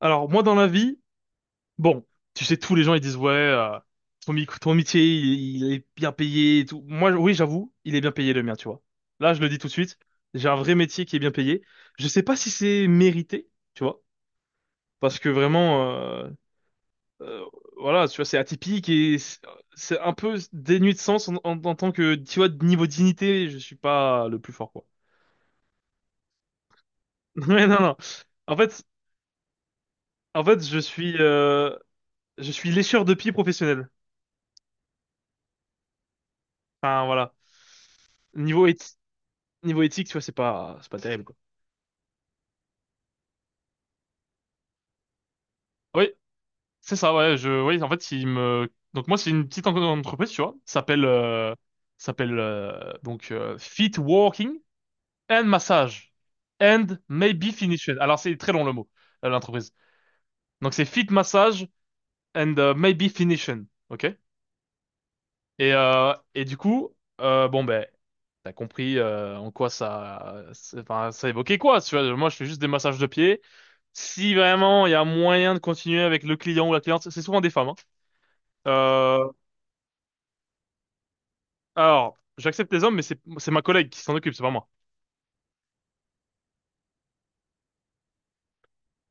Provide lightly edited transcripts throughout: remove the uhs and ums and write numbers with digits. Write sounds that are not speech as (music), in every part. Alors moi dans la vie, bon, tu sais tous les gens ils disent ouais ton métier il est bien payé et tout. Moi oui j'avoue il est bien payé le mien tu vois. Là je le dis tout de suite, j'ai un vrai métier qui est bien payé. Je sais pas si c'est mérité tu vois parce que vraiment euh, voilà tu vois c'est atypique et c'est un peu dénué de sens en tant que tu vois de niveau dignité je suis pas le plus fort quoi. (laughs) Mais non non en fait en fait je suis euh, je suis lécheur de pieds professionnel. Enfin voilà. Niveau éthi- Niveau éthique, tu vois, c'est pas terrible, quoi. Oui, c'est ça, ouais, oui, en fait, donc moi, c'est une petite entreprise, tu vois, ça s'appelle, donc, Fit Walking and Massage and Maybe Finishing. Alors, c'est très long le mot, l'entreprise. Donc, c'est Fit Massage and Maybe Finishing, ok? Et du coup, bon ben, t'as compris en quoi ça, enfin, ça évoquait quoi, tu vois. Moi, je fais juste des massages de pieds. Si vraiment il y a moyen de continuer avec le client ou la cliente, c'est souvent des femmes, hein. Euh, alors, j'accepte les hommes, mais c'est ma collègue qui s'en occupe, c'est pas moi.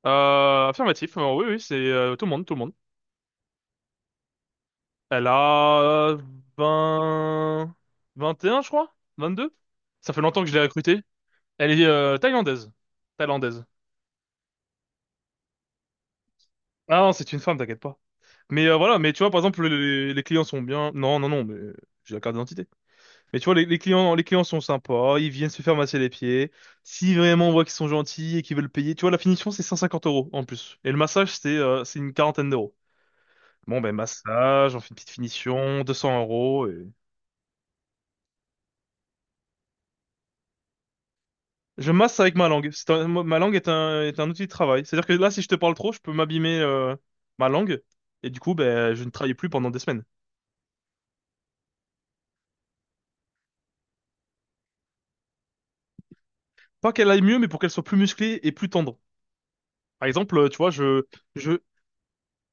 Affirmatif, oui, oui, c'est tout le monde, tout le monde. Elle a 20, 21, je crois, 22. Ça fait longtemps que je l'ai recrutée. Elle est thaïlandaise. Thaïlandaise. Ah non, c'est une femme, t'inquiète pas. Mais voilà, mais tu vois, par exemple, les clients sont bien. Non, non, non, mais j'ai la carte d'identité. Mais tu vois, les clients sont sympas, ils viennent se faire masser les pieds. Si vraiment on voit qu'ils sont gentils et qu'ils veulent payer, tu vois, la finition, c'est 150 euros en plus. Et le massage, c'est une quarantaine d'euros. Bon, ben, massage, on fait une petite finition, 200 euros. Je masse avec ma langue. Ma langue est un outil de travail. C'est-à-dire que là, si je te parle trop, je peux m'abîmer ma langue. Et du coup, ben, je ne travaille plus pendant des semaines. Pas qu'elle aille mieux, mais pour qu'elle soit plus musclée et plus tendre. Par exemple, tu vois, je,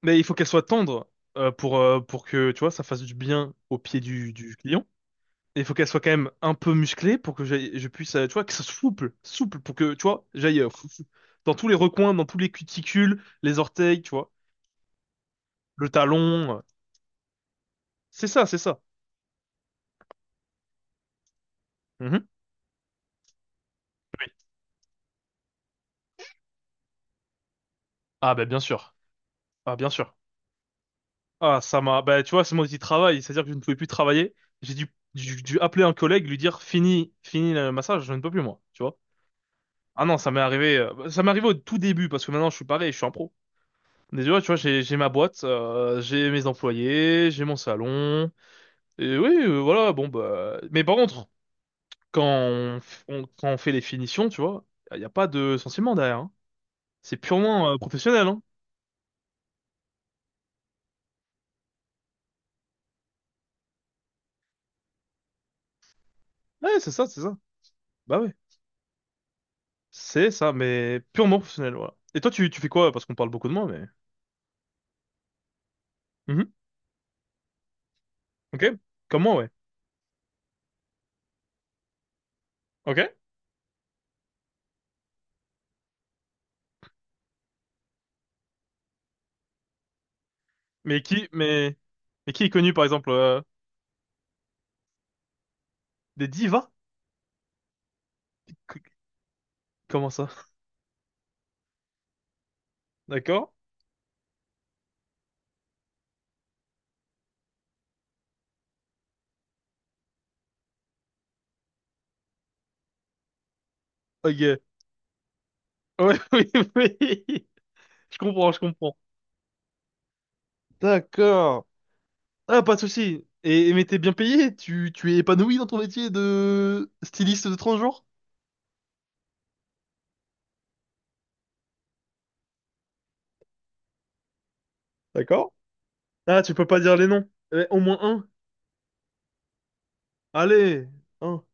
mais il faut qu'elle soit tendre pour que tu vois ça fasse du bien au pied du client. Et il faut qu'elle soit quand même un peu musclée pour que je puisse, tu vois, que ça soit souple, souple pour que tu vois j'aille dans tous les recoins, dans tous les cuticules, les orteils, tu vois, le talon. C'est ça, c'est ça. Mhm. Oui. Ah bah bien sûr. Ah bien sûr. Ah bah tu vois, c'est mon petit travail, c'est-à-dire que je ne pouvais plus travailler. J'ai dû appeler un collègue, lui dire fini, fini le massage, je ne peux plus moi, tu vois. Ah non, ça m'est arrivé au tout début parce que maintenant je suis pareil, je suis un pro. Déjà, tu vois, j'ai ma boîte, j'ai mes employés, j'ai mon salon. Et oui, voilà, bon bah. Mais par contre, quand on fait les finitions, tu vois, il n'y a pas de sentiment derrière, hein. C'est purement professionnel, hein. Ouais, c'est ça, c'est ça. Bah ouais, c'est ça, mais purement professionnel, voilà. Et toi, tu fais quoi? Parce qu'on parle beaucoup de moi, mais. Mhm. Ok, comme moi, ouais. Ok. Mais qui, mais, mais qui est connu, par exemple, des divas? C- Comment ça? D'accord? Ok. Ouais, (laughs) oui, oui. Je comprends, je comprends. D'accord. Ah, pas de souci. Et, mais t'es bien payé? Tu es épanoui dans ton métier de styliste de transgenre? D'accord? Ah, tu peux pas dire les noms. Eh, au moins un. Allez, un.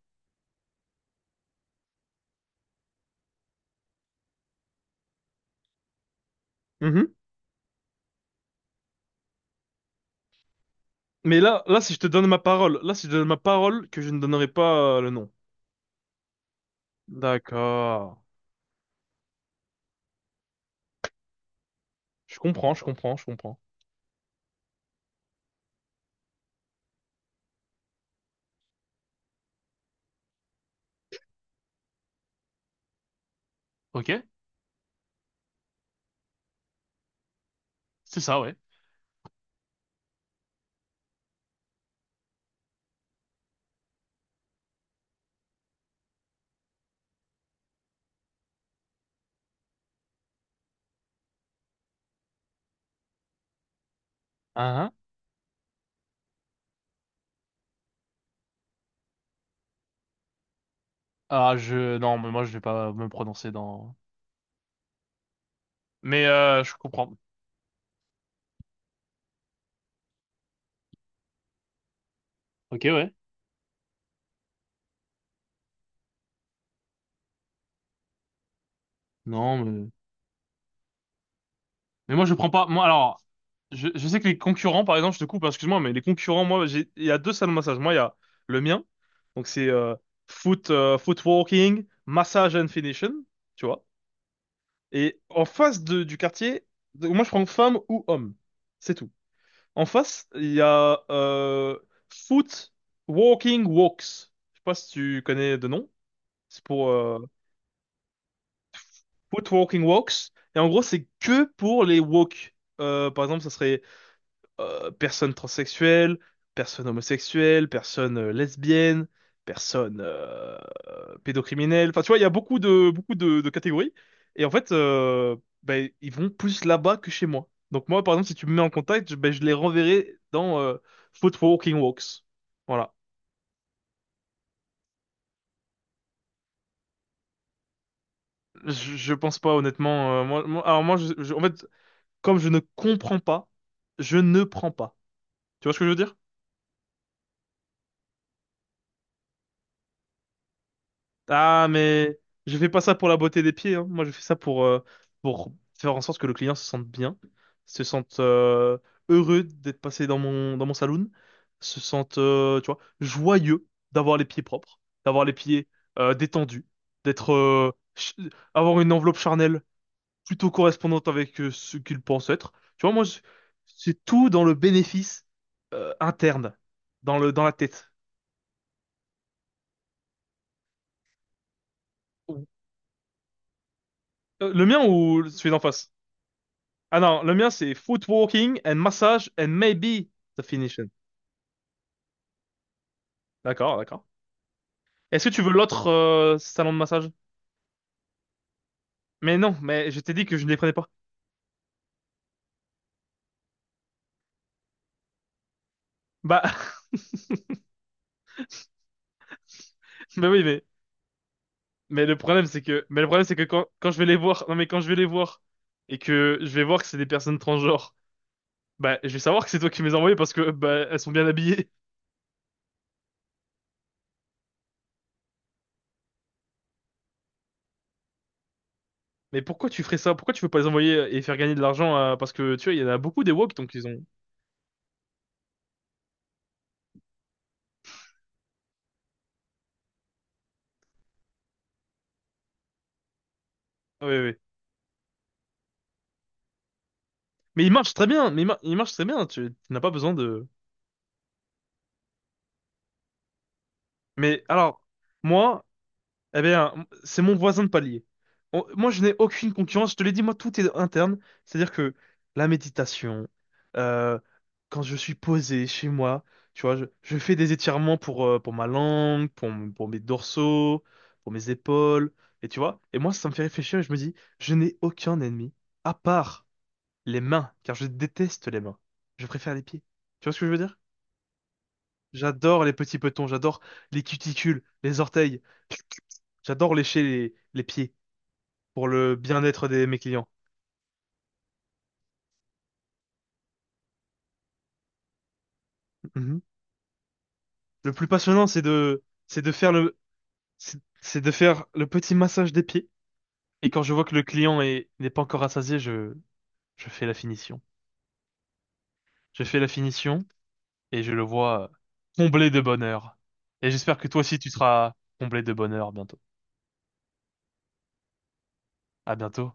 Mhm. Mais là, là, si je te donne ma parole, là, si je te donne ma parole, que je ne donnerai pas le nom. D'accord. Je comprends, je comprends, je comprends. Ok, c'est ça, ouais. Ah, ah. Ah, je. Non, mais moi, je vais pas me prononcer dans. Mais je comprends. Ok, ouais. Non, mais moi je prends pas. Moi alors, je sais que les concurrents, par exemple, je te coupe, hein, excuse-moi, mais les concurrents, moi, j'ai il y a deux salles de massage. Moi, il y a le mien, donc c'est foot walking, massage and finishing, tu vois. Et en face du quartier, donc moi je prends femme ou homme, c'est tout. En face, il y a foot walking walks. Je sais pas si tu connais de nom. C'est pour foot walking walks. Et en gros, c'est que pour les walks. Par exemple, ça serait personne transsexuelle, personne homosexuelle, personne lesbienne, personne pédocriminelle. Enfin, tu vois, il y a beaucoup de catégories. Et en fait, ben, ils vont plus là-bas que chez moi. Donc moi, par exemple, si tu me mets en contact, ben, je les renverrai dans Footwalking Walks. Voilà. Je pense pas, honnêtement. Alors moi, en fait, comme je ne comprends pas, je ne prends pas. Tu vois ce que je veux dire? Ah, mais je fais pas ça pour la beauté des pieds, hein. Moi, je fais ça pour faire en sorte que le client se sente bien, se sente heureux d'être passé dans mon saloon, se sente, tu vois, joyeux d'avoir les pieds propres, d'avoir les pieds détendus, d'être, euh, ch- avoir une enveloppe charnelle plutôt correspondante avec ce qu'il pense être. Tu vois, moi, c'est tout dans le bénéfice interne, dans la tête. Le mien ou celui d'en face? Ah non, le mien c'est footwalking and massage and maybe the finishing. D'accord, d'accord. Est-ce que tu veux l'autre salon de massage? Mais non, mais je t'ai dit que je ne les prenais pas. Bah, (laughs) mais oui, mais le problème c'est que mais le problème c'est que quand je vais les voir, non mais quand je vais les voir et que je vais voir que c'est des personnes transgenres, bah je vais savoir que c'est toi qui me les as envoyées parce que bah elles sont bien habillées. Mais pourquoi tu ferais ça? Pourquoi tu veux pas les envoyer et faire gagner de l'argent Parce que tu vois, il y en a beaucoup des woks donc ils ont. Oui, oui. Mais ils marchent très bien. Mais ils marchent très bien. Tu n'as pas besoin de. Mais alors, moi, eh bien, c'est mon voisin de palier. Moi, je n'ai aucune concurrence. Je te l'ai dit, moi, tout est interne. C'est-à-dire que la méditation, euh, quand je suis posé chez moi, tu vois, je fais des étirements pour ma langue, pour mes dorsaux, pour mes épaules, et tu vois. Et moi, ça me fait réfléchir et je me dis, je n'ai aucun ennemi, à part les mains, car je déteste les mains. Je préfère les pieds. Tu vois ce que je veux dire? J'adore les petits petons, j'adore les cuticules, les orteils. J'adore lécher les pieds pour le bien-être de mes clients. Mhm. Le plus passionnant, c'est de faire le, c'est de faire le petit massage des pieds. Et quand je vois que le client n'est pas encore rassasié, je fais la finition. Je fais la finition et je le vois comblé de bonheur. Et j'espère que toi aussi tu seras comblé de bonheur bientôt. À bientôt.